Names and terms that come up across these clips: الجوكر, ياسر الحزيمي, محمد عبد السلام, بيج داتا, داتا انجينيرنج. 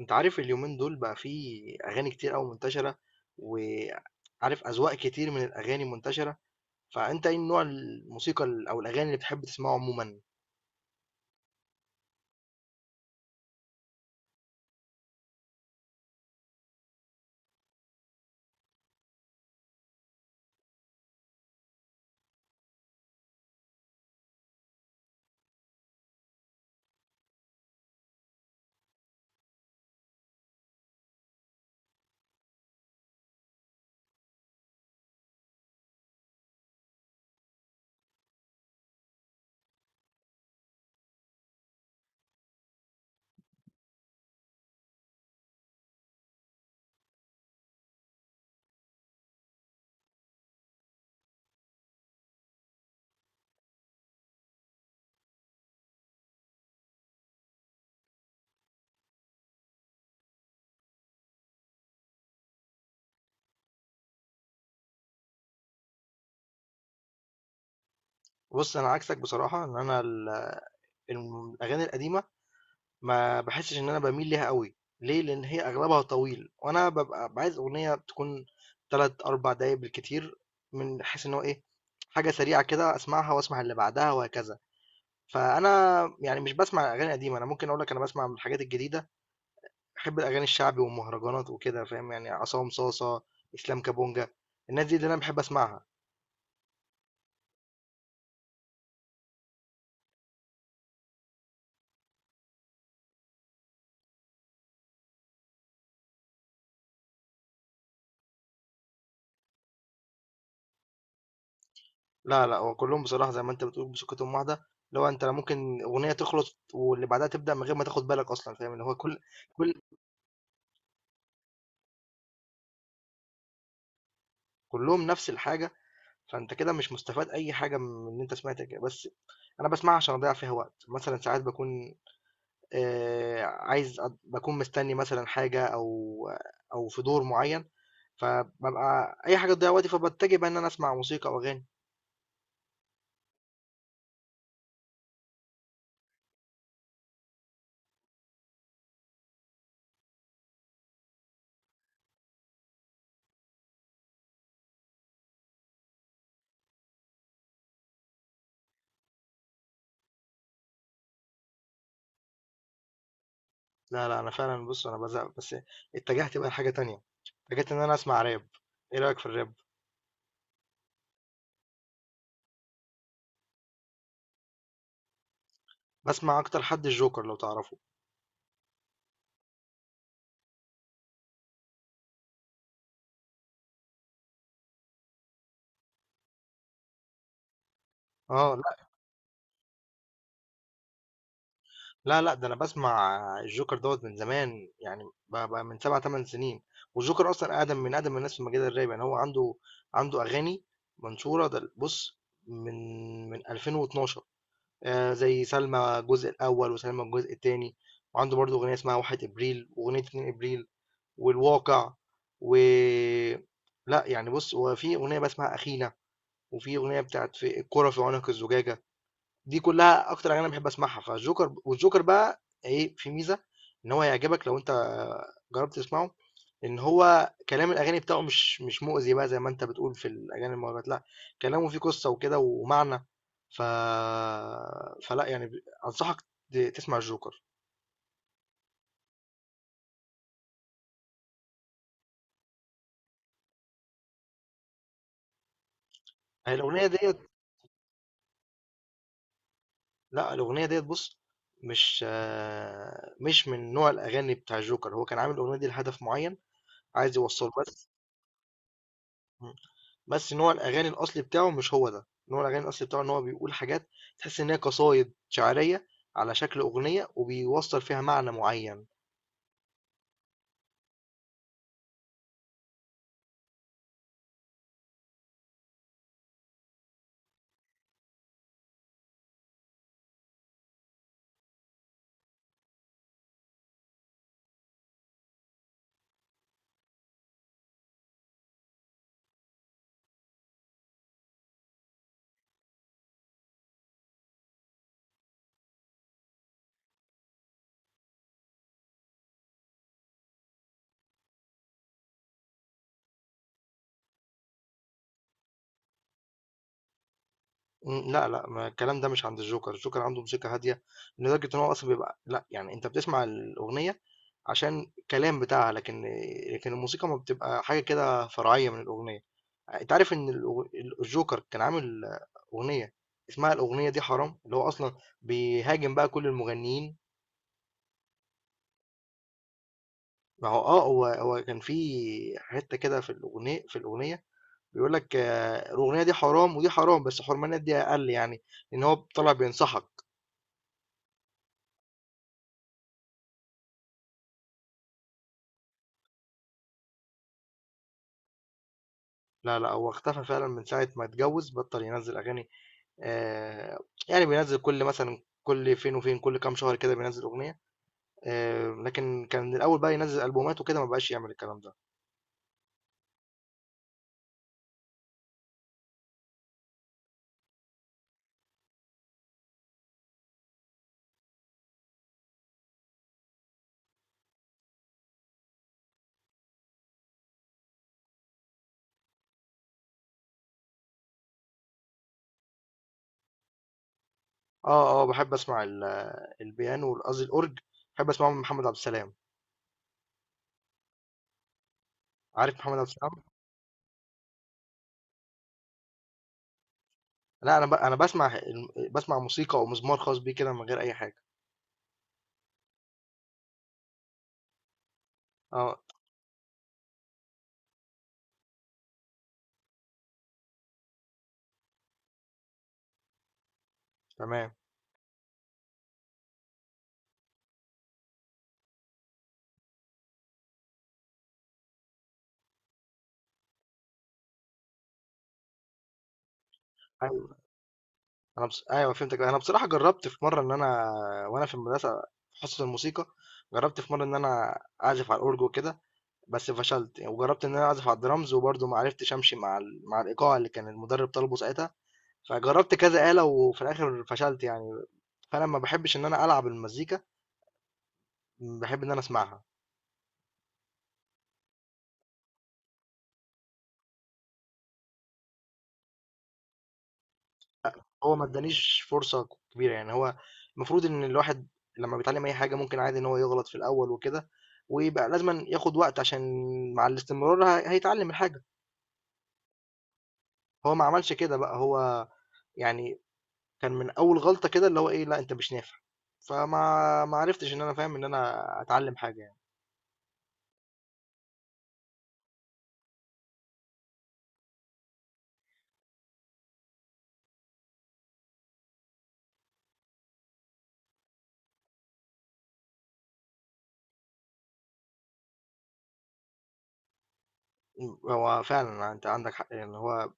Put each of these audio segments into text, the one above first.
أنت عارف اليومين دول بقى فيه أغاني كتير أوي منتشرة، وعارف أذواق كتير من الأغاني منتشرة، فأنت إيه نوع الموسيقى أو الأغاني اللي بتحب تسمعه عمومًا؟ بُص أنا عكسك بصراحة إن أنا ال الم الأغاني القديمة ما باحسش إن أنا باميل ليها أوي، ليه؟ لإن هي أغلبها طويل، وأنا بابقى عايز أغنية تكون 3، 4 دقايق بالكتير، من حيث إن هو إيه، حاجة سريعة كده أسمعها وأسمع اللي بعدها وهكذا، فأنا يعني مش باسمع أغاني قديمة، أنا ممكن أقول لك أنا باسمع من الحاجات الجديدة، باحب الأغاني الشعبي والمهرجانات وكده فاهم، يعني عصام صاصة، إسلام كابونجا، الناس دي اللي أنا باحب أسمعها. لا لأ، هو كلّهم بصراحة زي ما أنت بتقول بسكتهم واحدة، اللي هو أنت لا ممكن أغنية تخلص واللي بعدها تبدأ من غير ما تاخد بالك أصلًا فاهم، اللي هو كل كل كلّهم نفس الحاجة، فأنت كده مش مستفاد أي حاجة من إن أنت سمعت بس أنا باسمعها عشان أضيّع فيها وقت، مثلًا ساعات باكون عايز أض باكون مستني مثلًا حاجة أو في دور معيّن، فبابقى أي حاجة تضيّع وقتي فباتجه بقى إن أنا أسمع موسيقى أو أغاني. لا لا، انا فعلا بص انا بزهق، بس اتجهت بقى لحاجه تانية، اتجهت ان انا اسمع راب. ايه رايك في الراب؟ بسمع اكتر حد الجوكر لو تعرفه. اه لا لا لا، ده انا بسمع الجوكر دوت من زمان، يعني بقى من 7 8 سنين، والجوكر اصلا اقدم من اقدم الناس في مجال الراب، يعني هو عنده اغاني منشوره، ده بص من 2012، آه زي سلمى الجزء الاول وسلمى الجزء الثاني، وعنده برضه اغنيه اسمها 1 ابريل واغنيه 2 ابريل والواقع، و لأ، يعني بُص، هو في أغنية بقى اسمها أخينا، وفي أغنية بتاعة في الكرة في عنق الزجاجة، دي كلّها أكتر أغاني أنا باحب أسمعها، فالجوكر، والجوكر بقى إيه، في ميزة إن هو هيعجبك لو أنت جرّبت تسمعه، إن هو كلام الأغاني بتاعه مش مؤذي بقى زي ما أنت بتقول في الأغاني المهرجانات، لأ، كلامه فيه قصّة وكده ومعنى، ف فلأ، يعني أنصحك تسمع الجوكر. هي الأغنية ديّة، لأ، الأغنية ديّة بُص، مش من نوع الأغاني بتاع الجوكر، هو كان عامل الأغنية دي لهدف معيّن عايز يوصّله، بس. إمم، بس نوع الأغاني الأصلي بتاعه مش هو ده، نوع الأغاني الأصلي بتاعه إن هو بيقول حاجات تحس إن هي قصايد شعرية على شكل أغنية وبيوصّل فيها معنى معيّن. لأ، لأ، ما الكلام ده مش عند الجوكر، الجوكر عنده موسيقى هادية لدرجة إن هو أصلًا بيبقى لأ، يعني أنت بتسمع الأغنية عشان الكلام بتاعها، لكن الموسيقى ما بتبقى حاجة كده فرعية من الأغنية. انت عارف ان الجوكر كان عامل اغنيه، اسمها الاغنيه دي حرام، اللي هو اصلا بيهاجم بقى كل المغنيين. ما هو هو كان في حته كده في الاغنيه بيقول لك آه، الاغنيه دي حرام ودي حرام، بس حرمانيات دي اقل، يعني ان هو طلع بينصحك. لا لا، هو اختفى فعلا من ساعه ما اتجوز، بطل ينزل اغاني، آه، يعني بينزل، كل فين وفين كل كام شهر كده بينزل اغنيه، آه، لكن كان الاول بقى ينزل البومات وكده ما بقاش يعمل الكلام ده. آه، آه، باحب أسمع البيانو قصدي الأورج، باحب أسمعه من محمد عبد السلام. عارف محمد عبد السلام؟ لأ أنا، أنا باسمع موسيقى أو مزمار خاص بيه كده من غير أي حاجة. آه، تمام. أيوه، أنا بص، أيوه فهمتك. أنا بصراحة جرّبت في مرّة إن أنا وأنا في المدرسة في حصة الموسيقى، جرّبت في مرّة إن أنا أعزف على الأورج وكده، بس فشلت، وجرّبت إن أنا أعزف على الدرامز وبرضه ما عرفتش أمشي مع مع الإيقاع اللي كان المُدرّب طالبه ساعتها، فجرّبت كذا آلة وفي الآخر فشلت يعني، فأنا ما باحبش إن أنا ألعب المزيكا، باحب إن أنا أسمعها. هو ما ادّانيش فرصة كبيرة، يعني هو المفروض إن الواحد لمّا بيتعلّم أي حاجة ممكن عادي إن هو يغلط في الأول وكده، ويبقى لازمًا ياخد وقت عشان مع الاستمرار هيتعلّم الحاجة، هو ما عملش كده بقى، هو يعني كان من أول غلطة كده اللي هو إيه، لأ أنت مش نافع، فما ما عرفتش إن أنا فاهم إن أنا أتعلّم حاجة يعني. هو فعلًا أنت عندك حق، يعني هو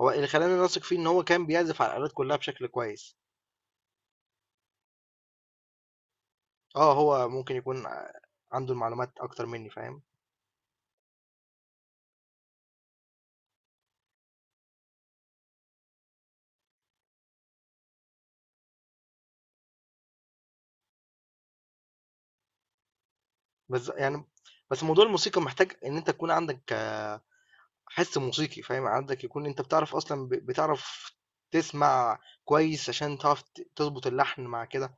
هو اللي خلّاني أثق فيه إن هو كان بيعزف على الآلات كلّها بشكل كويس، آه، هو ممكن يكون عنده المعلومات أكتر منّي، فاهم؟ بس يعني بس موضوع الموسيقى محتاج إن أنت تكون عندك حِس موسيقي فاهم، عندك يكون أنت بتعرف أصلًا بتعرف تسمع كويس عشان تعرف تضبط اللحن مع كده.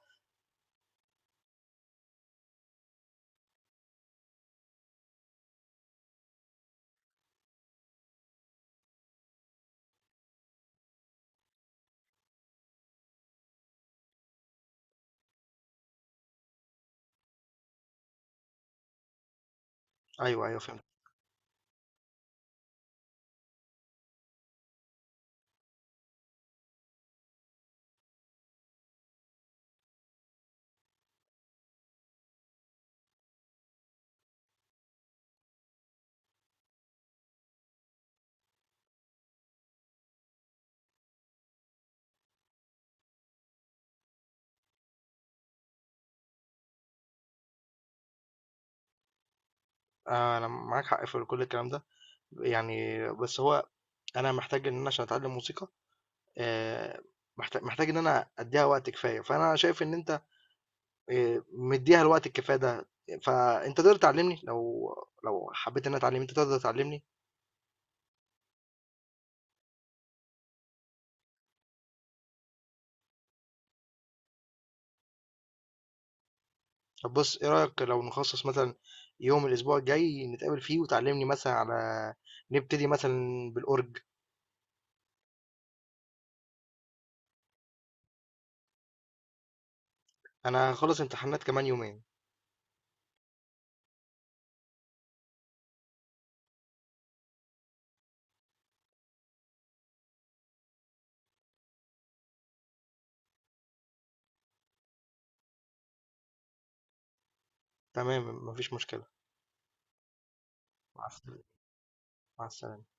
أيوه، أيوه فهمت. أنا معاك حق في كل الكلام ده، يعني بس هو أنا محتاج إن أنا عشان أتعلّم موسيقى، آآ محتاج إن أنا أدّيها وقت كفاية، فأنا شايف إن أنت مدّيها الوقت الكفاية ده، فأنت تقدر تعلّمني، لو حبّيت إن أنا أتعلّم، أنت تقدر تعلّمني؟ طب بص ايه رأيك لو نخصص مثلا يوم الاسبوع الجاي نتقابل فيه وتعلمني مثلا، نبتدي مثلا بالأورج. انا هخلص امتحانات كمان يومين. تمام، مفيش مشكلة. مع السلامة، مع السلامة.